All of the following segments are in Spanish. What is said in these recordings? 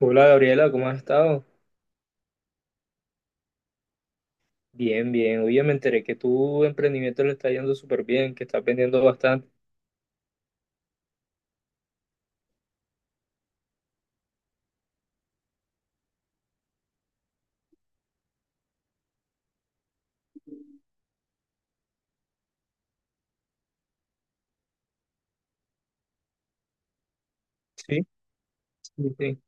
Hola Gabriela, ¿cómo has estado? Bien, bien. Oye, me enteré que tu emprendimiento le está yendo súper bien, que estás vendiendo bastante. Sí, Sí, sí.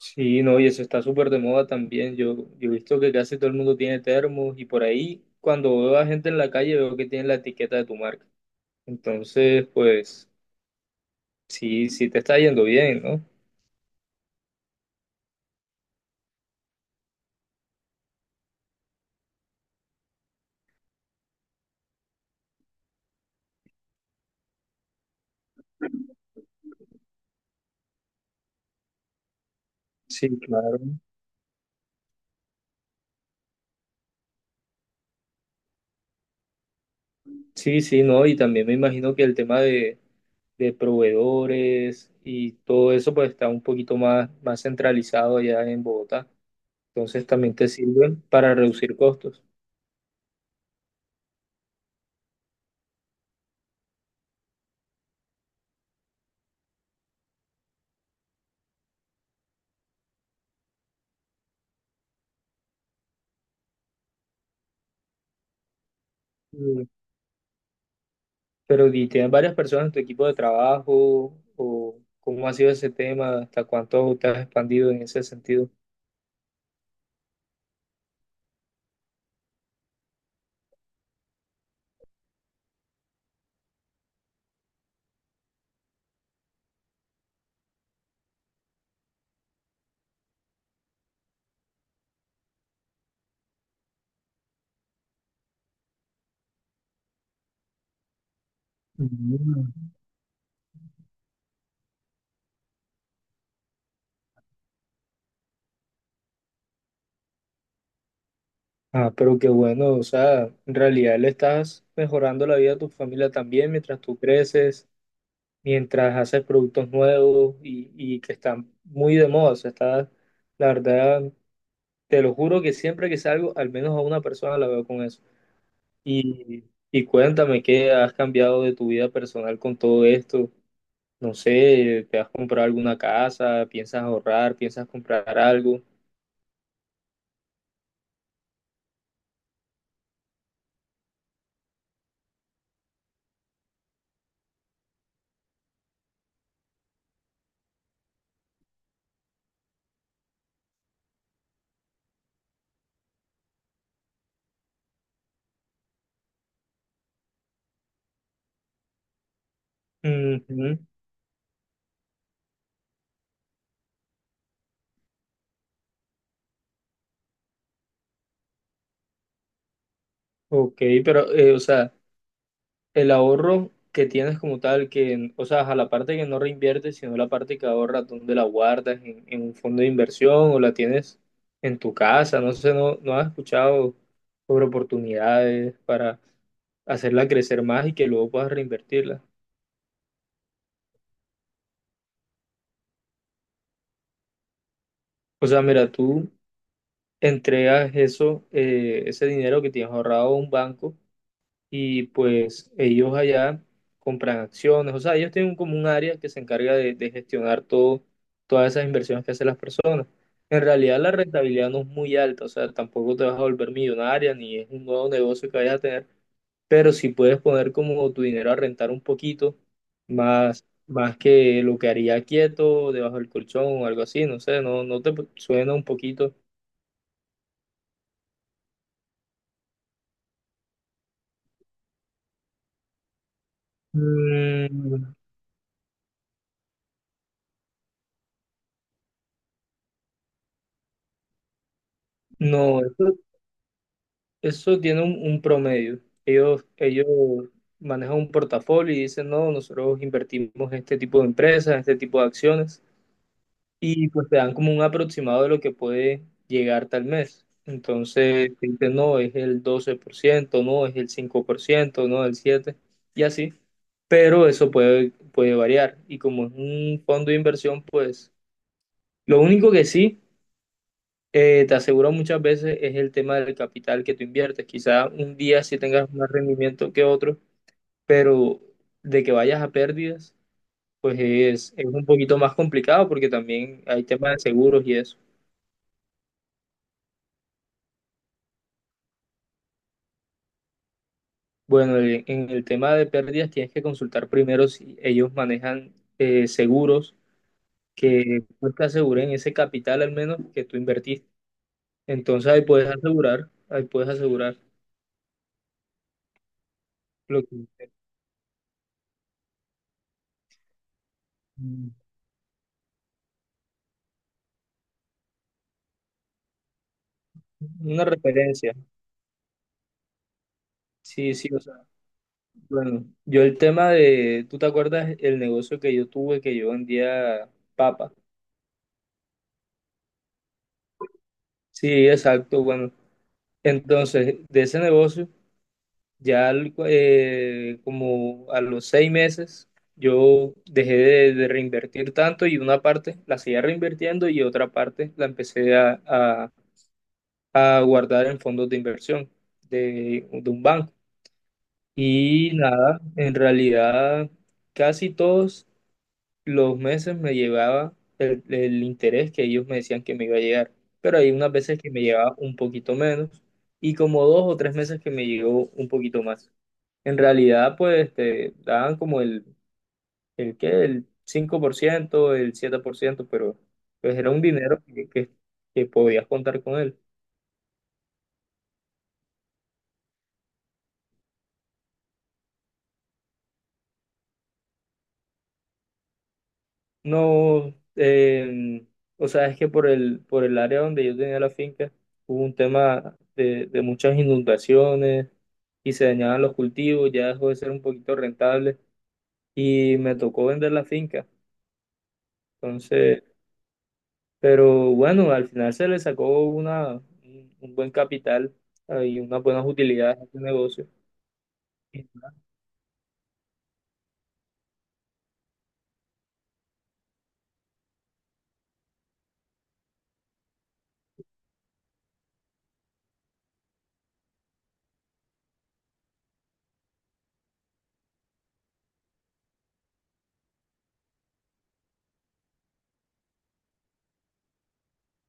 Sí, no, y eso está súper de moda también. Yo he visto que casi todo el mundo tiene termos y por ahí cuando veo a gente en la calle veo que tienen la etiqueta de tu marca. Entonces, pues sí, sí te está yendo bien, ¿no? Sí, claro. Sí, sí, no, y también me imagino que el tema de proveedores y todo eso pues está un poquito más, más centralizado allá en Bogotá. Entonces también te sirven para reducir costos. Mm, Pero ¿y tienes varias personas en tu equipo de trabajo? ¿O cómo ha sido ese tema? ¿Hasta cuánto te has expandido en ese sentido? Mm. Ah, pero qué bueno, o sea, en realidad le estás mejorando la vida a tu familia también mientras tú creces, mientras haces productos nuevos y que están muy de moda. O sea, está, la verdad, te lo juro que siempre que salgo, al menos a una persona la veo con eso. Y, y cuéntame qué has cambiado de tu vida personal con todo esto. No sé, ¿te has comprado alguna casa? ¿Piensas ahorrar? ¿Piensas comprar algo? Ujú, Ok, pero, o sea, el ahorro que tienes como tal, que, o sea, a la parte que no reinviertes, sino la parte que ahorras, ¿dónde la guardas? ¿En un fondo de inversión o la tienes en tu casa? No sé, no has escuchado sobre oportunidades para hacerla crecer más y que luego puedas reinvertirla. O sea, mira, tú entregas eso, ese dinero que tienes ahorrado a un banco y pues ellos allá compran acciones, o sea, ellos tienen como un área que se encarga de, gestionar todo, todas esas inversiones que hacen las personas. En realidad la rentabilidad no es muy alta, o sea, tampoco te vas a volver millonaria ni es un nuevo negocio que vayas a tener, pero si puedes poner como tu dinero a rentar un poquito más, más que lo que haría quieto debajo del colchón o algo así, no sé, no te suena un poquito. Mm, No, eso tiene un promedio. Ellos manejan un portafolio y dicen, no, nosotros invertimos en este tipo de empresas, en este tipo de acciones, y pues te dan como un aproximado de lo que puede llegar tal mes. Entonces, te dicen, no, es el 12%, no, es el 5%, no, el 7%, y así. Pero eso puede variar. Y como es un fondo de inversión, pues lo único que sí te aseguro muchas veces es el tema del capital que tú inviertes. Quizá un día sí tengas más rendimiento que otro, pero de que vayas a pérdidas, pues es un poquito más complicado porque también hay temas de seguros y eso. Bueno, en el tema de pérdidas tienes que consultar primero si ellos manejan seguros que pues, te aseguren ese capital al menos que tú invertiste. Entonces ahí puedes asegurar lo que... mm, Una referencia, sí, sí, o sea. Bueno, yo el tema de, ¿tú te acuerdas el negocio que yo tuve que yo vendía papa? Sí, exacto, bueno. Entonces, de ese negocio, ya como a los 6 meses, yo dejé de, reinvertir tanto y una parte la seguía reinvirtiendo y otra parte la empecé a guardar en fondos de inversión de un banco. Y nada, en realidad casi todos los meses me llevaba el interés que ellos me decían que me iba a llegar, pero hay unas veces que me llevaba un poquito menos y como 2 o 3 meses que me llegó un poquito más. En realidad, pues te daban como el, ¿qué? El 5% el 7% pero pues era un dinero que podías contar con él. No, o sea, es que por el área donde yo tenía la finca hubo un tema de muchas inundaciones y se dañaban los cultivos, ya dejó de ser un poquito rentable y me tocó vender la finca. Entonces, pero bueno, al final se le sacó una, un buen capital y unas buenas utilidades a este negocio.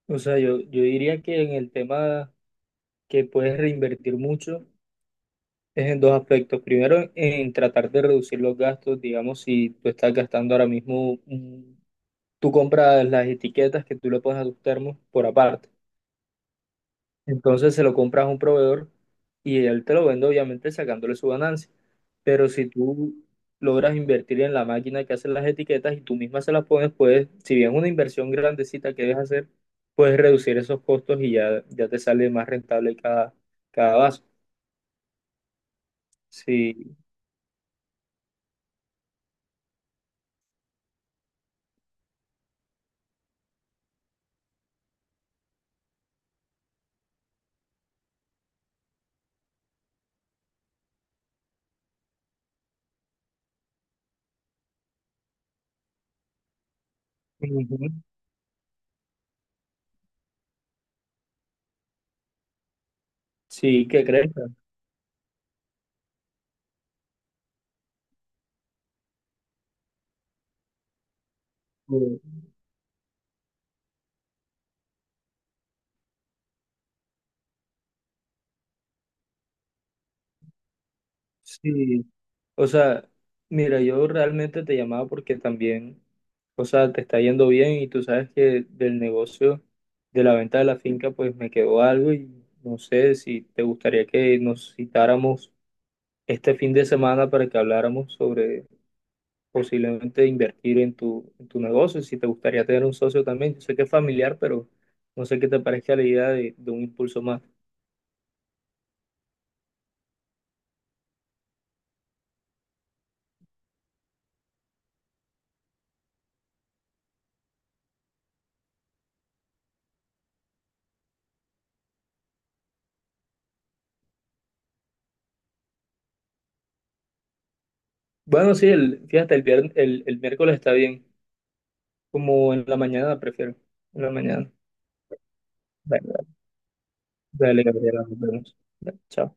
O sea, yo diría que en el tema que puedes reinvertir mucho es en dos aspectos. Primero, en tratar de reducir los gastos. Digamos, si tú estás gastando ahora mismo, tú compras las etiquetas que tú le pones a tus termos por aparte. Entonces se lo compras a un proveedor y él te lo vende, obviamente, sacándole su ganancia. Pero si tú logras invertir en la máquina que hace las etiquetas y tú misma se las pones, puedes, si bien es una inversión grandecita que debes hacer, puedes reducir esos costos y ya, ya te sale más rentable cada, vaso. Sí. Ujú. Sí, ¿qué crees? Eh, Sí, o sea, mira, yo realmente te llamaba porque también, o sea, te está yendo bien y tú sabes que del negocio de la venta de la finca, pues me quedó algo y no sé si te gustaría que nos citáramos este fin de semana para que habláramos sobre posiblemente invertir en en tu negocio, si te gustaría tener un socio también. Yo sé que es familiar, pero no sé qué te parezca la idea de, un impulso más. Bueno, sí, fíjate, el viernes, el miércoles está bien. Como en la mañana, prefiero. En la mañana. Dale, dale, Gabriela, nos vemos. Dale, chao.